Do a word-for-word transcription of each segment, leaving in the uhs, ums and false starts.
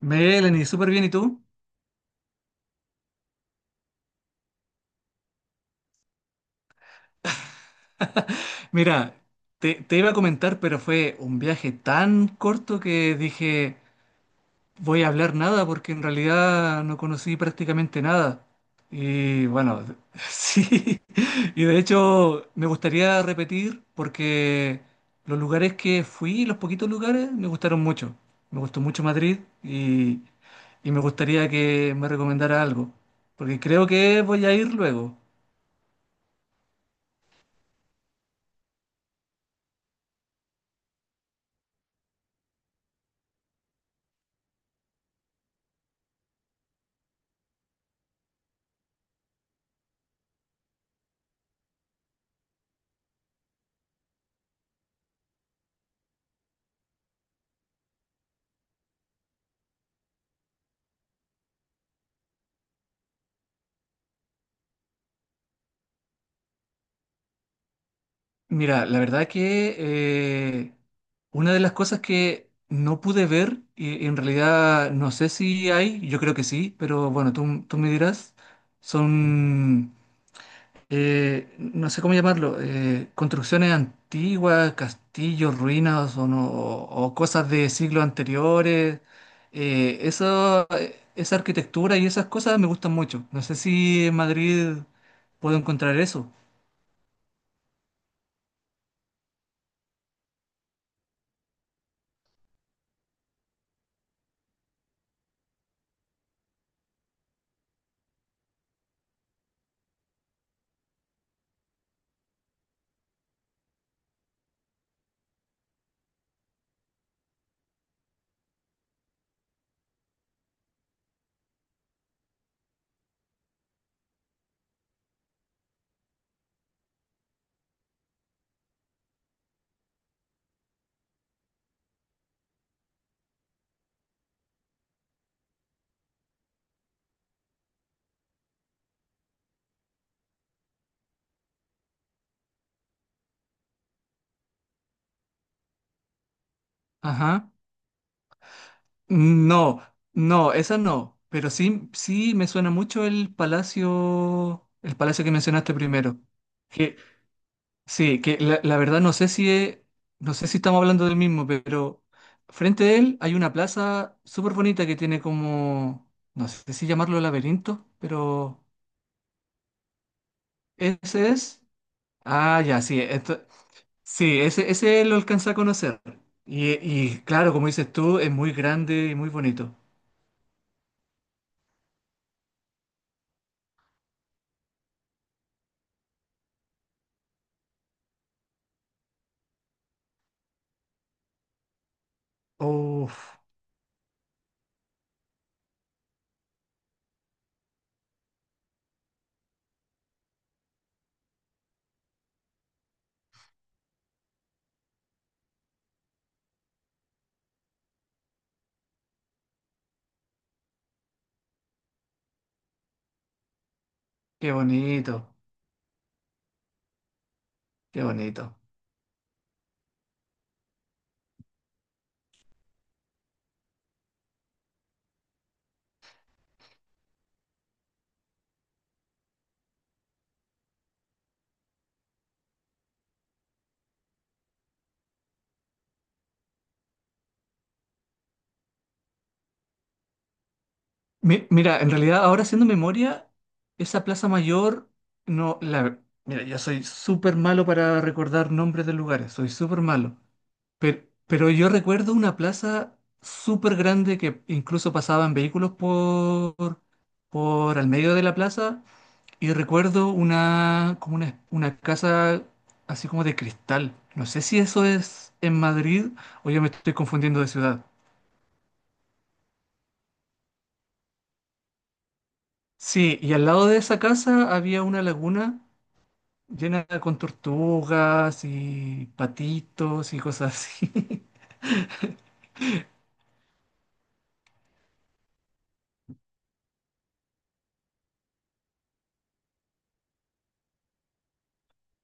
Melanie, súper bien, ¿y tú? Mira, te, te iba a comentar, pero fue un viaje tan corto que dije, voy a hablar nada porque en realidad no conocí prácticamente nada. Y bueno, sí, y de hecho me gustaría repetir porque los lugares que fui, los poquitos lugares, me gustaron mucho. Me gustó mucho Madrid y, y me gustaría que me recomendara algo, porque creo que voy a ir luego. Mira, la verdad que eh, una de las cosas que no pude ver, y en realidad no sé si hay, yo creo que sí, pero bueno, tú, tú me dirás, son, eh, no sé cómo llamarlo, eh, construcciones antiguas, castillos, ruinas o, no- o- o cosas de siglos anteriores. Eh, eso, eh, esa arquitectura y esas cosas me gustan mucho. No sé si en Madrid puedo encontrar eso. Ajá. No, no, esa no. Pero sí, sí me suena mucho el palacio, el palacio que mencionaste primero. Que, sí, que la, la verdad no sé si es- no sé si estamos hablando del mismo, pero frente a él hay una plaza súper bonita que tiene como, no sé si llamarlo laberinto, pero ese es. Ah, ya, sí, esto- sí, ese, ese lo alcanza a conocer. Y, y claro, como dices tú, es muy grande y muy bonito. Uf, qué bonito. Qué bonito. Mi- mira, en realidad ahora haciendo memoria, esa Plaza Mayor, no, la, mira, yo soy súper malo para recordar nombres de lugares, soy súper malo. Pero, pero yo recuerdo una plaza súper grande que incluso pasaban vehículos por, por al medio de la plaza y recuerdo una, como una, una casa así como de cristal. No sé si eso es en Madrid o yo me estoy confundiendo de ciudad. Sí, y al lado de esa casa había una laguna llena con tortugas y patitos y cosas así.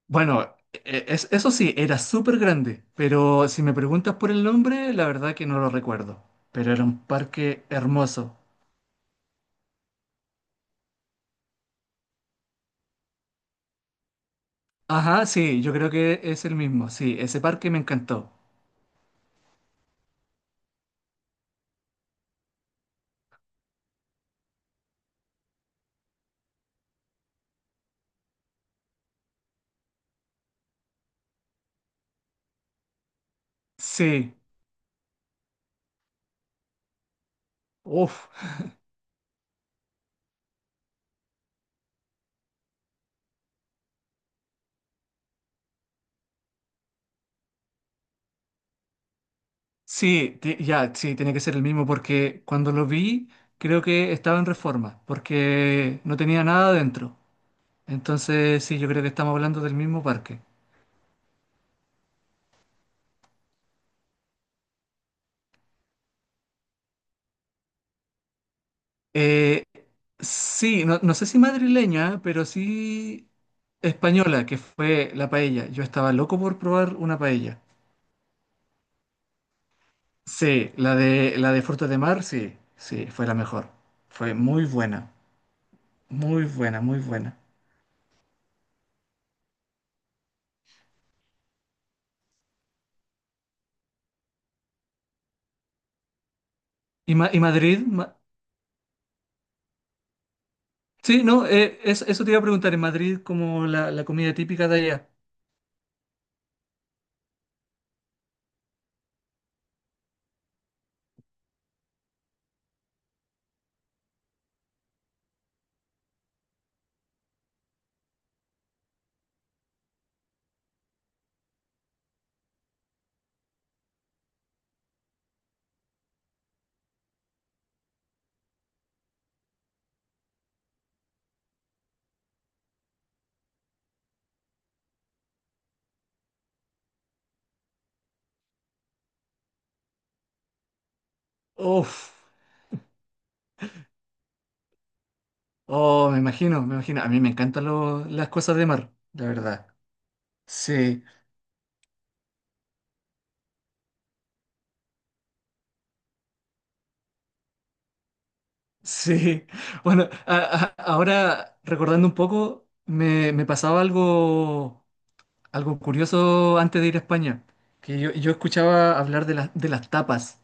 Bueno, e- es- eso sí, era súper grande, pero si me preguntas por el nombre, la verdad que no lo recuerdo. Pero era un parque hermoso. Ajá, sí, yo creo que es el mismo. Sí, ese parque me encantó. Sí, uff. Sí, ti- ya, sí, tiene que ser el mismo porque cuando lo vi, creo que estaba en reforma, porque no tenía nada dentro. Entonces, sí, yo creo que estamos hablando del mismo parque. Eh, sí, no, no sé si madrileña, pero sí española, que fue la paella. Yo estaba loco por probar una paella. Sí, la de, la de frutos de mar, sí, sí, fue la mejor. Fue muy buena, muy buena, muy buena. ¿Y, Ma- y Madrid? Ma- sí, no, eh, eso, eso te iba a preguntar, ¿en Madrid como la, la comida típica de allá? Uf, oh, me imagino, me imagino. A mí me encantan lo- las cosas de mar, la verdad. Sí. Sí, bueno, a- a- ahora recordando un poco, me, me pasaba algo, algo curioso antes de ir a España, que yo, yo escuchaba hablar de, las de las tapas,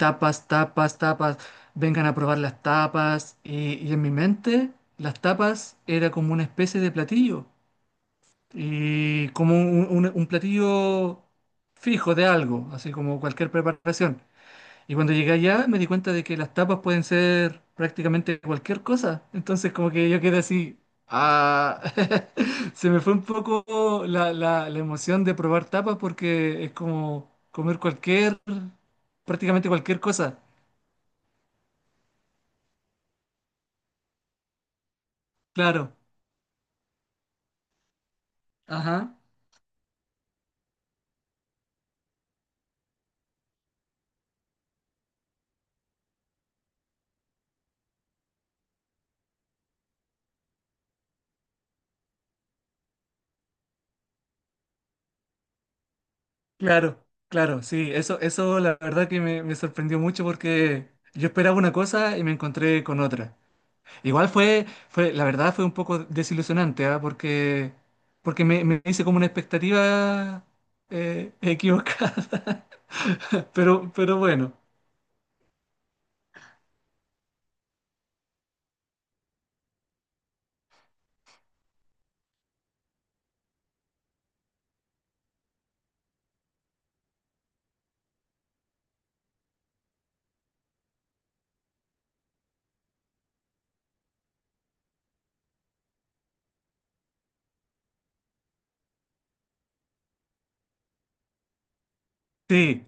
tapas, tapas, tapas, vengan a probar las tapas, y, y en mi mente las tapas era como una especie de platillo, y como un, un un platillo fijo de algo, así como cualquier preparación. Y cuando llegué allá me di cuenta de que las tapas pueden ser prácticamente cualquier cosa. Entonces como que yo quedé así, ah, se me fue un poco la, la- la emoción de probar tapas porque es como comer cualquier, prácticamente cualquier cosa. Claro, ajá, claro, claro, sí, eso, eso la verdad que me, me sorprendió mucho porque yo esperaba una cosa y me encontré con otra. Igual fue, fue, la verdad fue un poco desilusionante, ¿ah? Porque, porque me, me hice como una expectativa eh, equivocada. Pero, pero bueno, sí,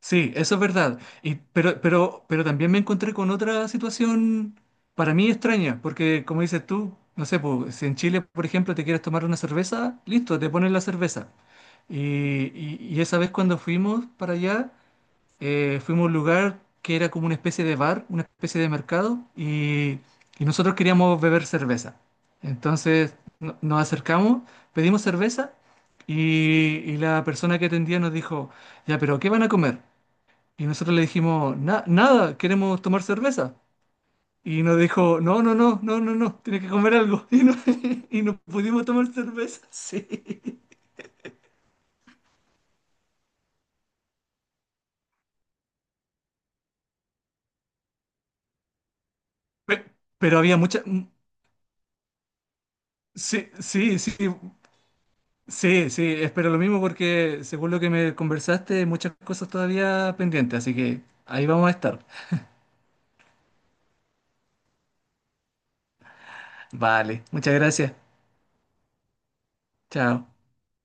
sí, eso es verdad. Y, pero, pero, pero también me encontré con otra situación para mí extraña, porque como dices tú, no sé, pues, si en Chile, por ejemplo, te quieres tomar una cerveza, listo, te ponen la cerveza. Y, y, y esa vez cuando fuimos para allá... eh, fuimos a un lugar que era como una especie de bar, una especie de mercado, y, y nosotros queríamos beber cerveza. Entonces no- nos acercamos, pedimos cerveza, y, y la persona que atendía nos dijo, ya, pero ¿qué van a comer? Y nosotros le dijimos, "Na- nada, queremos tomar cerveza". Y nos dijo, no, no, no, no, no, no, tienes que comer algo. Y no, y no pudimos tomar cerveza, sí. Pe- Pero había mucha... mm, sí, sí, sí. Sí, sí, espero lo mismo porque según lo que me conversaste, hay muchas cosas todavía pendientes, así que ahí vamos a estar. Vale, muchas gracias. Chao.